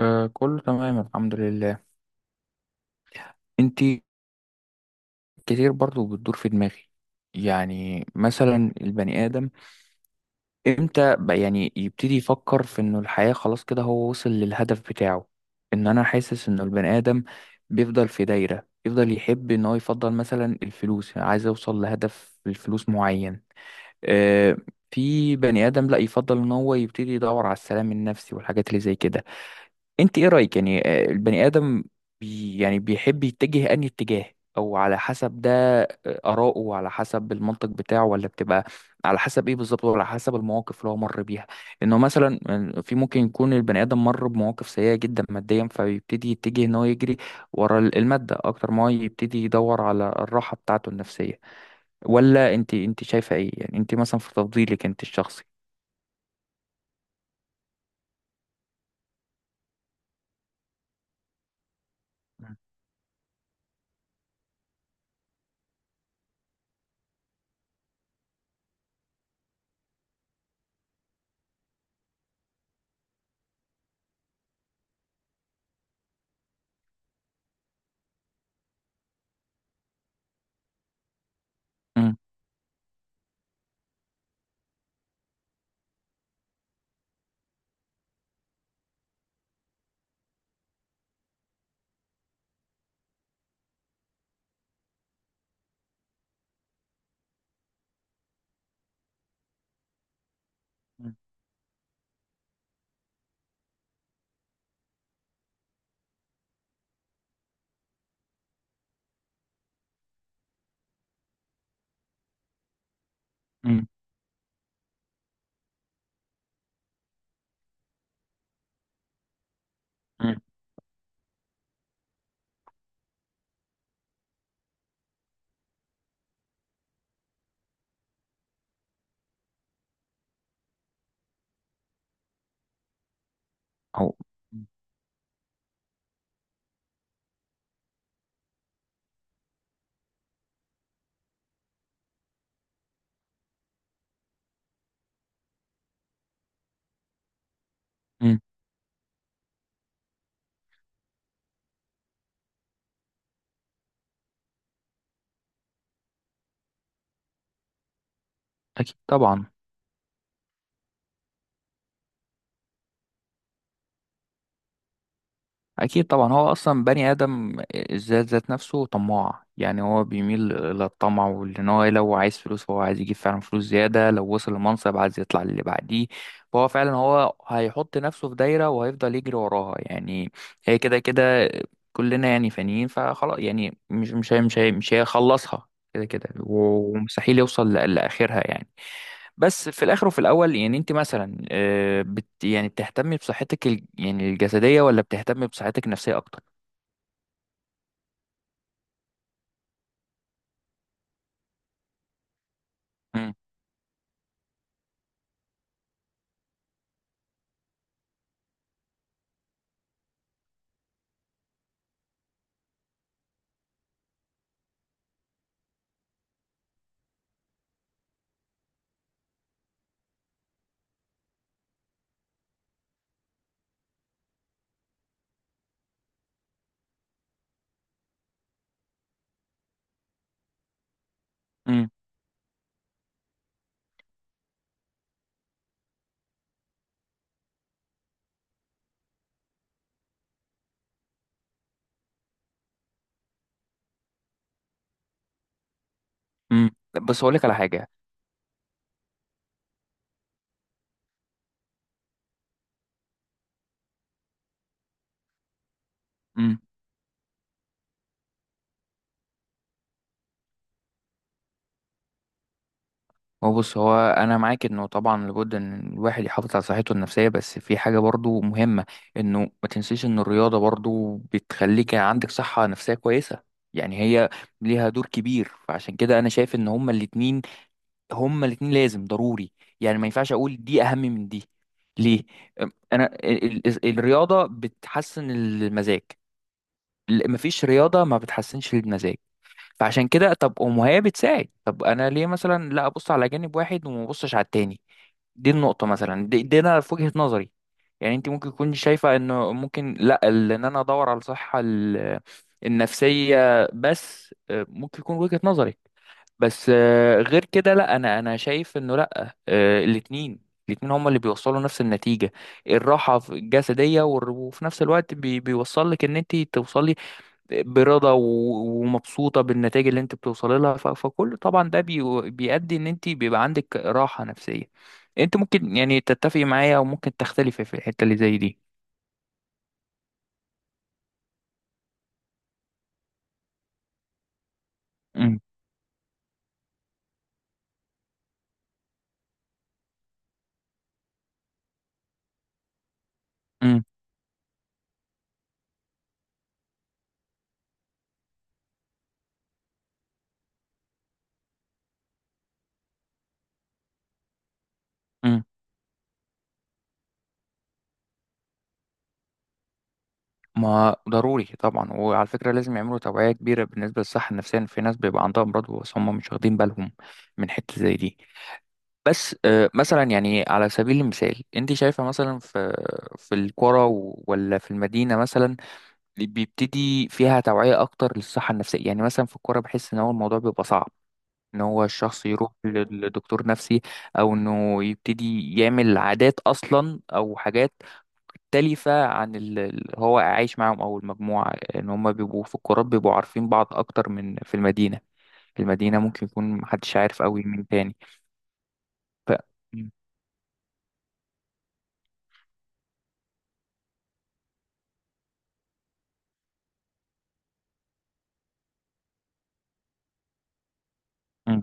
آه، كله تمام، الحمد لله. انتي؟ كتير برضو بتدور في دماغي. يعني مثلا البني آدم، امتى بقى يعني يبتدي يفكر في انه الحياة خلاص كده هو وصل للهدف بتاعه؟ ان انا حاسس انه البني آدم بيفضل في دايرة، يفضل يحب ان هو يفضل مثلا الفلوس، يعني عايز اوصل لهدف الفلوس معين. آه. في بني آدم لا يفضل ان هو يبتدي يدور على السلام النفسي والحاجات اللي زي كده. انت ايه رأيك يعني؟ البني آدم يعني بيحب يتجه انهي اتجاه، او على حسب ده، آراءه على حسب المنطق بتاعه، ولا بتبقى على حسب ايه بالظبط، ولا على حسب المواقف اللي هو مر بيها؟ انه مثلا في ممكن يكون البني آدم مر بمواقف سيئة جدا ماديا، فبيبتدي يتجه ان هو يجري ورا المادة اكتر ما هو يبتدي يدور على الراحة بتاعته النفسية. ولا انت شايفة ايه يعني، انت مثلا في تفضيلك انت الشخصي؟ مم. مم. مم. مم. او. مم. اكيد طبعا، اكيد طبعا. هو اصلا بني ادم الذات ذات نفسه طماع، يعني هو بيميل للطمع، وان هو لو عايز فلوس هو عايز يجيب فعلا فلوس زياده، لو وصل لمنصب عايز يطلع للي بعديه. فهو فعلا هو هيحط نفسه في دايره وهيفضل يجري وراها يعني. هي كده كده، كلنا يعني فانيين، فخلاص يعني مش هيخلصها كده كده، ومستحيل يوصل لاخرها يعني. بس في الاخر وفي الاول، يعني انت مثلا يعني بتهتمي بصحتك يعني الجسديه، ولا بتهتمي بصحتك النفسيه اكتر؟ امم. امم. امم. بس اقول لك على حاجه. امم. هو بص، هو انا معاك انه طبعا لابد ان الواحد يحافظ على صحته النفسيه، بس في حاجه برضو مهمه، انه ما تنسيش ان الرياضه برضو بتخليك عندك صحه نفسيه كويسه. يعني هي ليها دور كبير، فعشان كده انا شايف ان هما الاتنين، هما الاتنين لازم ضروري، يعني ما ينفعش اقول دي اهم من دي. ليه؟ انا الرياضه بتحسن المزاج، مفيش رياضه ما بتحسنش المزاج. فعشان كده، طب هي بتساعد، طب انا ليه مثلا لا ابص على جانب واحد وما ابصش على التاني؟ دي النقطه مثلا، دي انا في وجهه نظري. يعني انت ممكن تكون شايفه انه ممكن، لا ان انا ادور على الصحه النفسيه، بس ممكن يكون وجهه نظري. بس غير كده، لا انا شايف انه، لا الاتنين، الاتنين هما اللي بيوصلوا نفس النتيجة. الراحة الجسدية، وفي نفس الوقت بيوصل لك ان انت توصلي برضا ومبسوطة بالنتائج اللي انت بتوصلي لها، فكل طبعا ده بيؤدي ان انت بيبقى عندك راحة نفسية. انت ممكن يعني تتفقي معايا، وممكن تختلفي في الحتة اللي زي دي. امم. امم. امم. ما ضروري طبعا، وعلى فكرة لازم يعملوا توعية كبيرة بالنسبة للصحة النفسية. في ناس بيبقى عندها أمراض بس هم مش واخدين بالهم من حتة زي دي. بس مثلا، يعني على سبيل المثال، أنت شايفة مثلا في القرى ولا في المدينة مثلا اللي بيبتدي فيها توعية أكتر للصحة النفسية؟ يعني مثلا في القرى بحس إن هو الموضوع بيبقى صعب إن هو الشخص يروح لدكتور نفسي، أو إنه يبتدي يعمل عادات أصلا أو حاجات مختلفة عن اللي هو عايش معاهم، أو المجموعة. إن هما بيبقوا في القرى بيبقوا عارفين بعض أكتر من في المدينة. في المدينة ممكن يكون محدش عارف أوي مين تاني. ف م- م-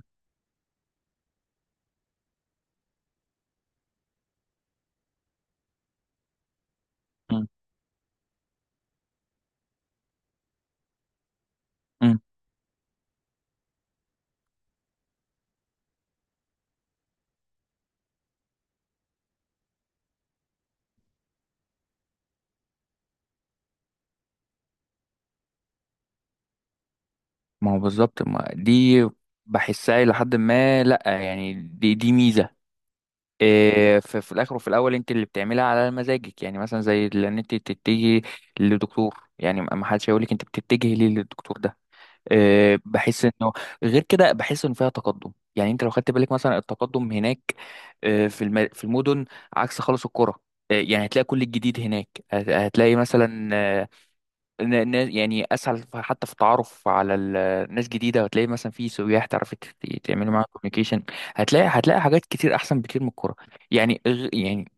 م- م. ما هو بالظبط، ما دي بحسها إلى حد ما. لأ يعني دي ميزة. في الآخر وفي الأول أنت اللي بتعملها على مزاجك، يعني مثلا زي إن أنت تتجهي للدكتور، يعني ما حدش هيقولك أنت بتتجهي ليه للدكتور ده. بحس انه غير كده، بحس ان فيها تقدم. يعني انت لو خدت بالك مثلا التقدم هناك، في في المدن، عكس خالص القرى. يعني هتلاقي كل الجديد هناك، هتلاقي مثلا يعني اسهل حتى في التعرف على ناس جديده، وهتلاقي مثلا في سياح تعرفي تعملي معاهم كوميونيكيشن. هتلاقي حاجات كتير احسن بكتير من الكوره يعني، يعني.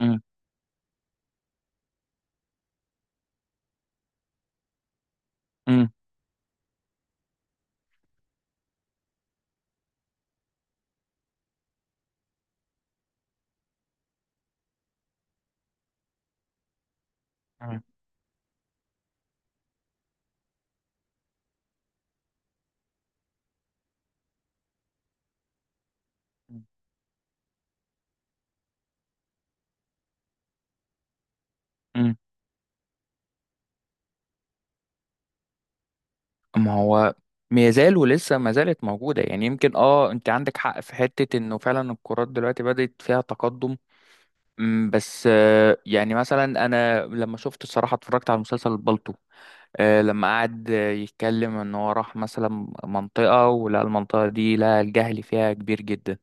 امم. امم. امم، امم. ما هو ما يزال ولسه ما زالت موجودة، يعني يمكن انت عندك حق في حتة انه فعلا الكرات دلوقتي بدأت فيها تقدم. بس يعني مثلا انا لما شفت الصراحة، اتفرجت على مسلسل البالتو، لما قعد يتكلم ان هو راح مثلا منطقة، ولقى المنطقة دي، لقى الجهل فيها كبير جدا.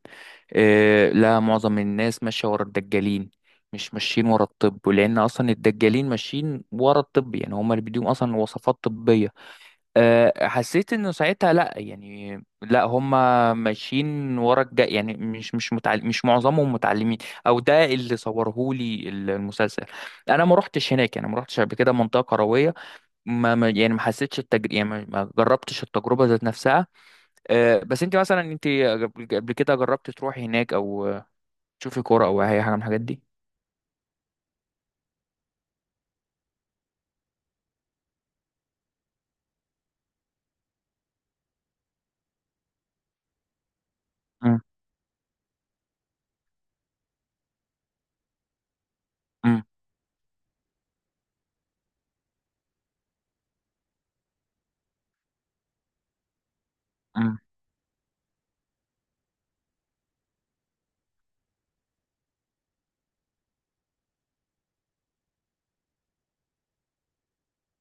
لا، معظم الناس ماشية ورا الدجالين، مش ماشيين ورا الطب، لأن أصلا الدجالين ماشيين ورا الطب، يعني هما اللي بيديهم أصلا وصفات طبية. حسيت انه ساعتها لا، يعني لا هم ماشيين ورا الجاي، يعني مش متعلم، مش معظمهم متعلمين، او ده اللي صورهولي المسلسل. انا ما روحتش هناك، يعني ما روحتش قبل كده منطقه قرويه، يعني ما حسيتش التجربه، يعني ما جربتش التجربه ذات نفسها. بس انت مثلا، انت قبل كده جربت تروحي هناك، او تشوفي كوره او اي حاجه من الحاجات دي؟ مم. مم. مم.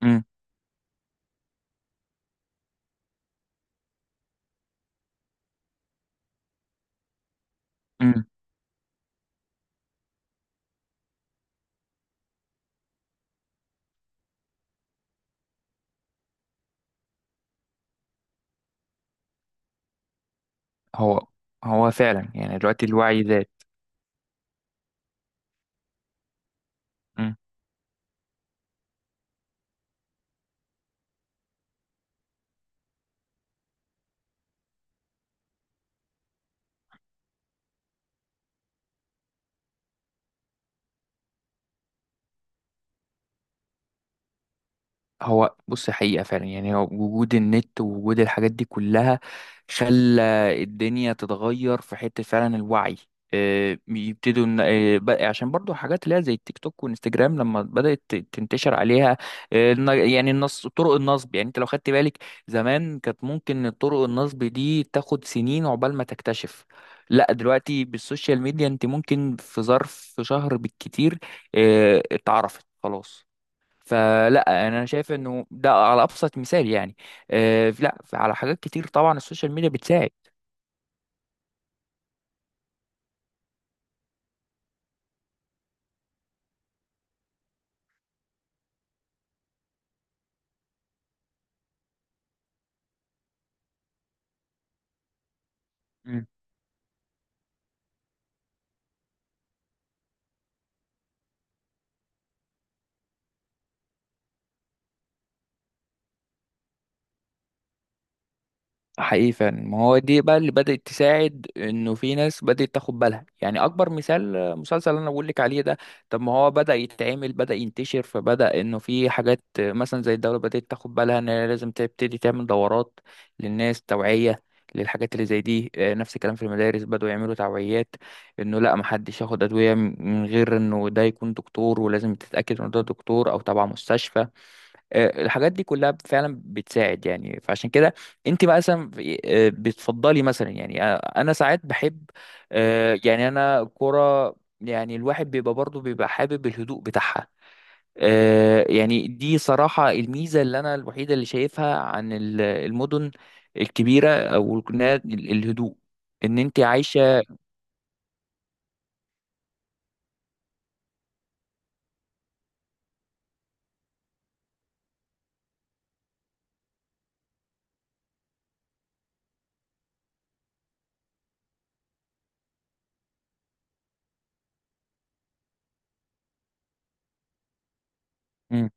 مم. مم. هو هو فعلا، يعني دلوقتي الوعي زاد. هو بص، حقيقة فعلا، يعني هو وجود النت ووجود الحاجات دي كلها خلى الدنيا تتغير في حتة. فعلا الوعي يبتدوا عشان برضو حاجات اللي هي زي التيك توك وانستجرام لما بدأت تنتشر عليها، يعني النص طرق النصب. يعني انت لو خدت بالك، زمان كانت ممكن طرق النصب دي تاخد سنين عقبال ما تكتشف، لا دلوقتي بالسوشيال ميديا انت ممكن في ظرف شهر بالكتير اتعرفت خلاص. فلا، انا شايف انه ده على ابسط مثال يعني. آه، لا، على حاجات كتير طبعا السوشيال ميديا بتساعد. حقيقي فعلا، ما هو دي بقى اللي بدأت تساعد انه في ناس بدأت تاخد بالها. يعني اكبر مثال مسلسل اللي انا بقول لك عليه ده. طب ما هو بدأ يتعمل، بدأ ينتشر، فبدأ انه في حاجات، مثلا زي الدولة بدأت تاخد بالها ان هي لازم تبتدي تعمل دورات للناس، توعية للحاجات اللي زي دي. نفس الكلام، في المدارس بدأوا يعملوا توعيات، انه لا محدش ياخد ادوية من غير انه ده يكون دكتور، ولازم تتأكد انه ده دكتور او تبع مستشفى. الحاجات دي كلها فعلا بتساعد يعني، فعشان كده انت مثلا بتفضلي مثلا، يعني انا ساعات بحب، يعني انا كرة، يعني الواحد بيبقى برضه بيبقى حابب الهدوء بتاعها. يعني دي صراحة الميزة اللي انا الوحيدة اللي شايفها عن المدن الكبيرة، او الهدوء، ان انت عايشة. مم.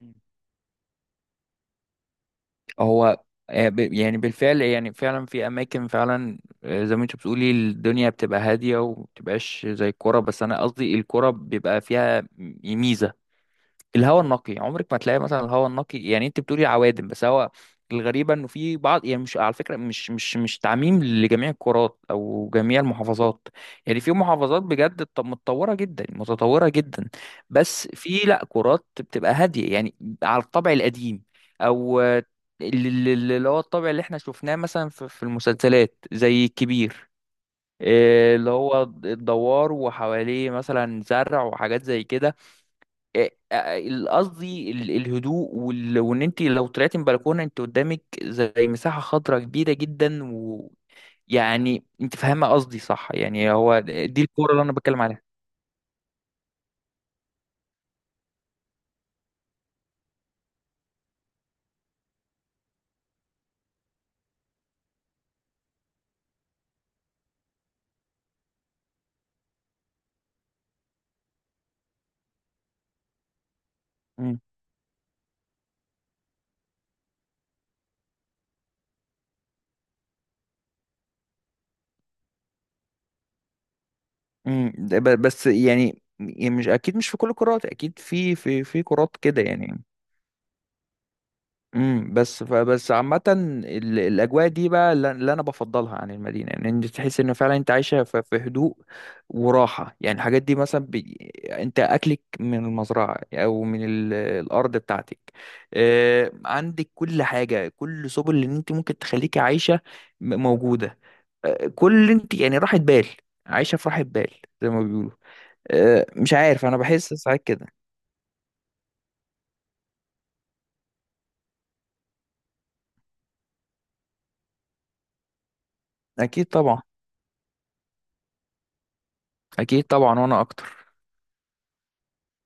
مم. هو يعني بالفعل، يعني فعلا في اماكن فعلا زي ما انت بتقولي الدنيا بتبقى هاديه ومبتبقاش زي الكوره. بس انا قصدي الكوره بيبقى فيها ميزه الهواء النقي. عمرك ما تلاقي مثلا الهواء النقي، يعني انت بتقولي عوادم بس هو الغريبة انه في بعض، يعني مش على فكرة، مش تعميم لجميع القارات او جميع المحافظات. يعني في محافظات بجد متطورة جدا، متطورة جدا، بس في لا، قارات بتبقى هادية يعني على الطبع القديم، او اللي هو الطبع اللي احنا شفناه مثلا في المسلسلات زي الكبير. اللي هو الدوار وحواليه مثلا زرع وحاجات زي كده، قصدي الهدوء، وان انت لو طلعتي من بلكونه انت قدامك زي مساحه خضراء كبيره جدا. ويعني انت فاهمه قصدي صح؟ يعني هو دي الكوره اللي انا بتكلم عليها. مم. مم. ده بس يعني مش اكيد، مش في كل الكرات، اكيد في كرات كده يعني. بس فبس عامة، الأجواء دي بقى اللي أنا بفضلها عن المدينة، يعني أنت تحس إن فعلا أنت عايشة في هدوء وراحة. يعني الحاجات دي مثلا أنت أكلك من المزرعة، أو من الأرض بتاعتك، عندك كل حاجة، كل سبل اللي أنت ممكن تخليكي عايشة موجودة. كل اللي أنت يعني راحة بال، عايشة في راحة بال زي ما بيقولوا. مش عارف، أنا بحس ساعات كده. أكيد طبعا، أكيد طبعا، وأنا أكتر.